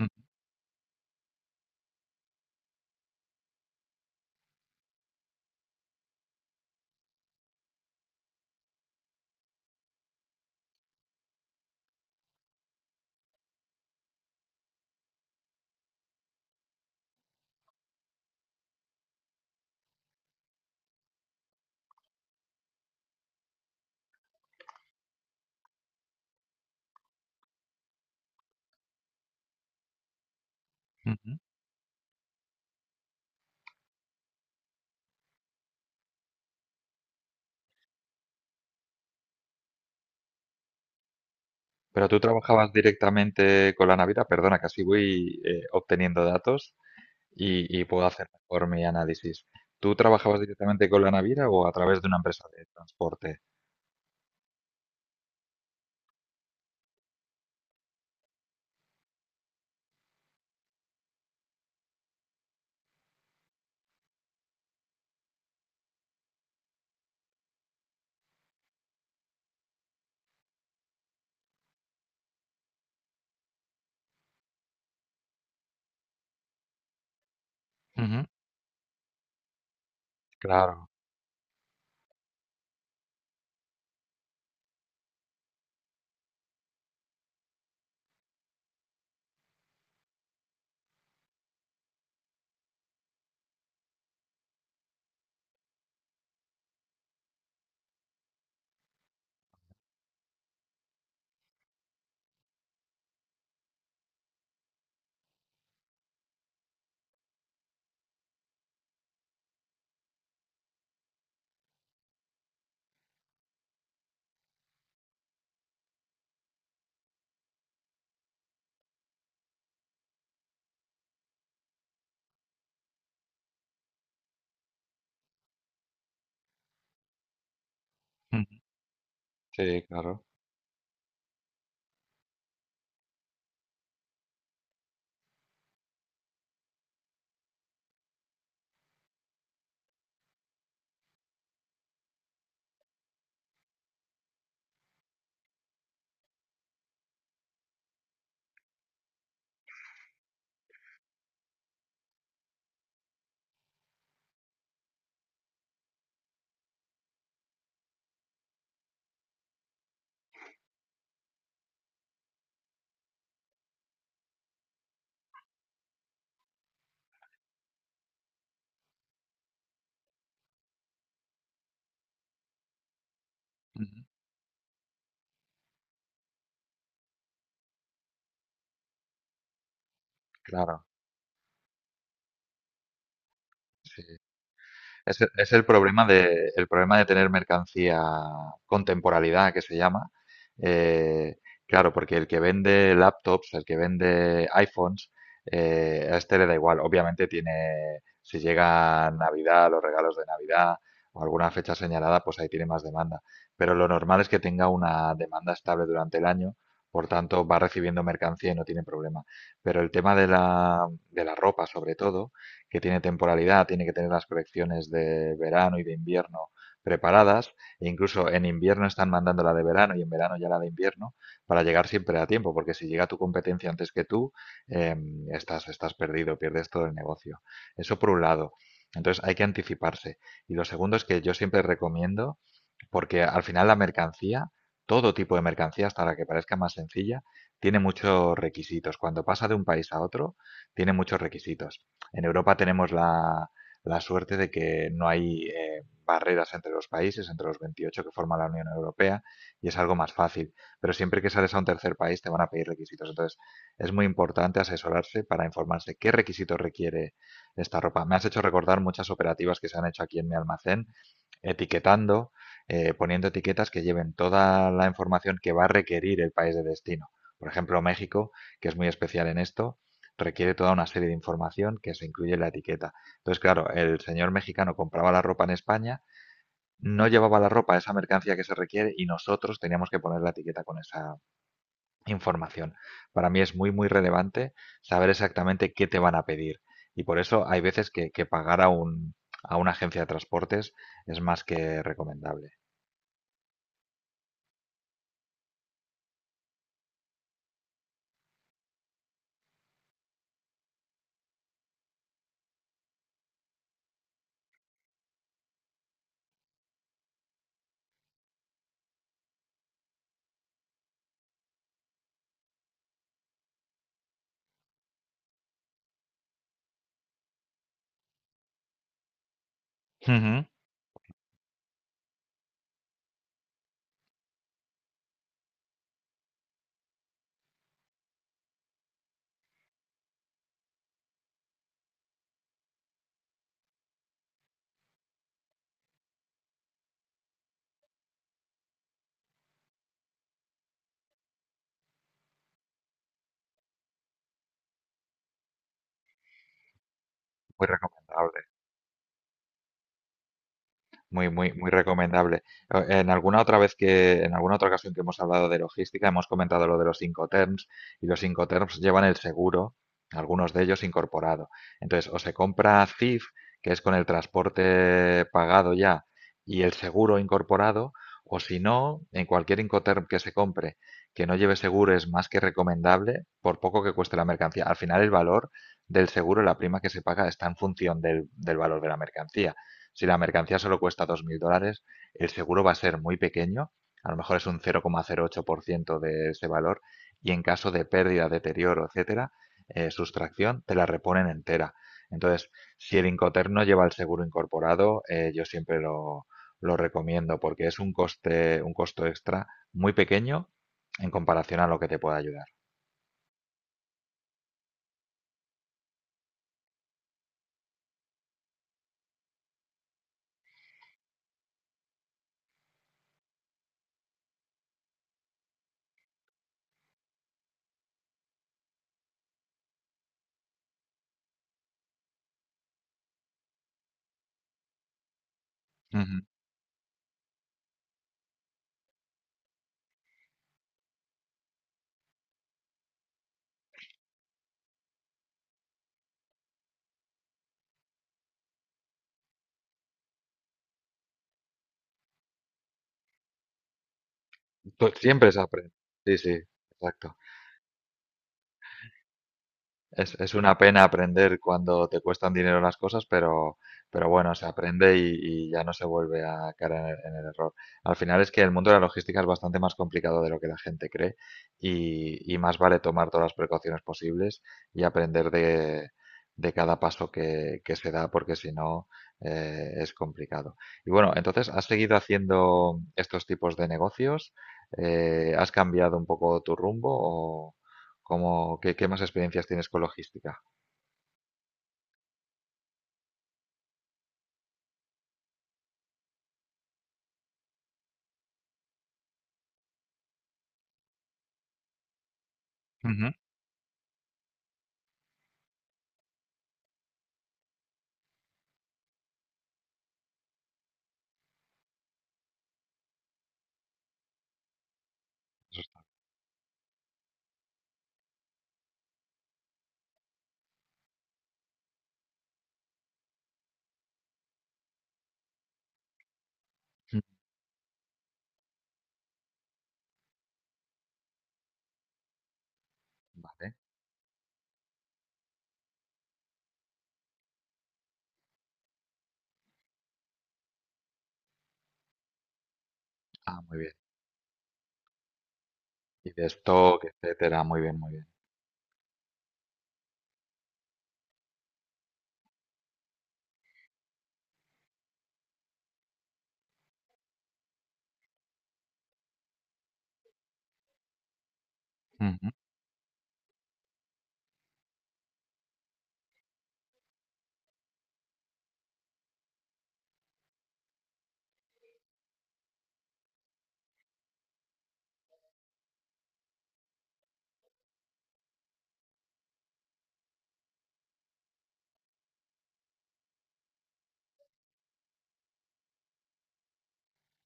Mm, ujú. Pero tú trabajabas directamente con la Navidad, perdona, que así voy obteniendo datos y puedo hacer mejor mi análisis. ¿Tú trabajabas directamente con la Navidad o a través de una empresa de transporte? Ujú, claro. Ujú, sí, claro. Ujú, claro, sí. Es el problema de tener mercancía con temporalidad, que se llama. Eh, claro, porque el que vende laptops, el que vende iPhones, a este le da igual. Obviamente tiene, si llega Navidad, los regalos de Navidad o alguna fecha señalada, pues ahí tiene más demanda. Pero lo normal es que tenga una demanda estable durante el año, por tanto va recibiendo mercancía y no tiene problema. Pero el tema de la ropa, sobre todo, que tiene temporalidad, tiene que tener las colecciones de verano y de invierno preparadas, e incluso en invierno están mandando la de verano y en verano ya la de invierno, para llegar siempre a tiempo, porque si llega tu competencia antes que tú, eh, estás, estás perdido, pierdes todo el negocio. Eso por un lado. Entonces hay que anticiparse. Y lo segundo es que yo siempre recomiendo porque al final la mercancía, todo tipo de mercancía, hasta la que parezca más sencilla, tiene muchos requisitos. Cuando pasa de un país a otro, tiene muchos requisitos. En Europa tenemos la, la suerte de que no hay barreras entre los países, entre los 28 que forman la Unión Europea, y es algo más fácil. Pero siempre que sales a un tercer país te van a pedir requisitos. Entonces, es muy importante asesorarse para informarse qué requisitos requiere esta ropa. Me has hecho recordar muchas operativas que se han hecho aquí en mi almacén, etiquetando poniendo etiquetas que lleven toda la información que va a requerir el país de destino. Por ejemplo, México, que es muy especial en esto, requiere toda una serie de información que se incluye en la etiqueta. Entonces, claro, el señor mexicano compraba la ropa en España, no llevaba la ropa, esa mercancía que se requiere, y nosotros teníamos que poner la etiqueta con esa información. Para mí es muy, muy relevante saber exactamente qué te van a pedir. Y por eso hay veces que pagar a, un, a una agencia de transportes es más que recomendable. Ujú. Muy recomendable, muy, muy, muy recomendable. O- En alguna otra vez que, en alguna otra ocasión que hemos hablado de logística, hemos comentado lo de los Incoterms y los Incoterms llevan el seguro, algunos de ellos incorporado. Entonces, o se compra CIF, que es con el transporte pagado ya y el seguro incorporado, o si no, en cualquier Incoterm que se compre que no lleve seguro es más que recomendable, por poco que cueste la mercancía. Al final, el valor del seguro, la prima que se paga, está en función del, del valor de la mercancía. Si la mercancía solo cuesta $2.000, el seguro va a ser muy pequeño, a lo mejor es un 0,08% de ese valor, y en caso de pérdida, deterioro, etcétera, sustracción, te la reponen entera. Entonces, si el Incoterm no lleva el seguro incorporado, yo siempre lo recomiendo porque es un coste, un costo extra muy pequeño en comparación a lo que te puede ayudar. Ujú. Tú- Siempre se aprende. Sí, sí, exacto. Es una pena aprender cuando te cuestan dinero las cosas, pero bueno, se aprende y ya no se vuelve a caer en el error. Al final es que el mundo de la logística es bastante más complicado de lo que la gente cree y más vale tomar todas las precauciones posibles y aprender de cada paso que se da, porque si no, es complicado. Y bueno, entonces, ¿has seguido haciendo estos tipos de negocios? ¿Has cambiado un poco tu rumbo como, ¿qué, qué más experiencias tienes con logística? Ujú. Vale. Ah, muy bien. Y de stock, etcétera. Muy bien, muy bien.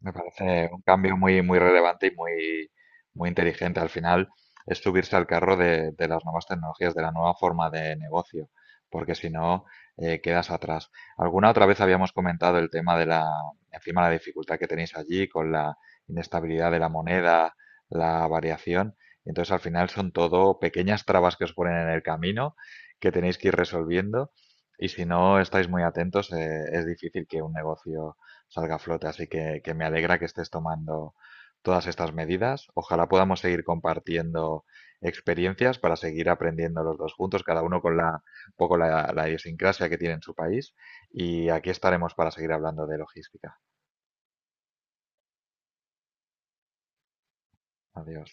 Me parece un cambio muy, muy relevante y muy, muy inteligente. Al final es subirse al carro de las nuevas tecnologías, de la nueva forma de negocio, porque si no, quedas atrás. Alguna otra vez habíamos comentado el tema de la, encima la dificultad que tenéis allí con la inestabilidad de la moneda, la variación. Entonces al final son todo pequeñas trabas que os ponen en el camino que tenéis que ir resolviendo. Y si no estáis muy atentos, es difícil que un negocio salga a flote. Así que me alegra que estés tomando todas estas medidas. Ojalá podamos seguir compartiendo experiencias para seguir aprendiendo los dos juntos, cada uno con la, un poco la, la idiosincrasia que tiene en su país. Y aquí estaremos para seguir hablando de logística. Adiós.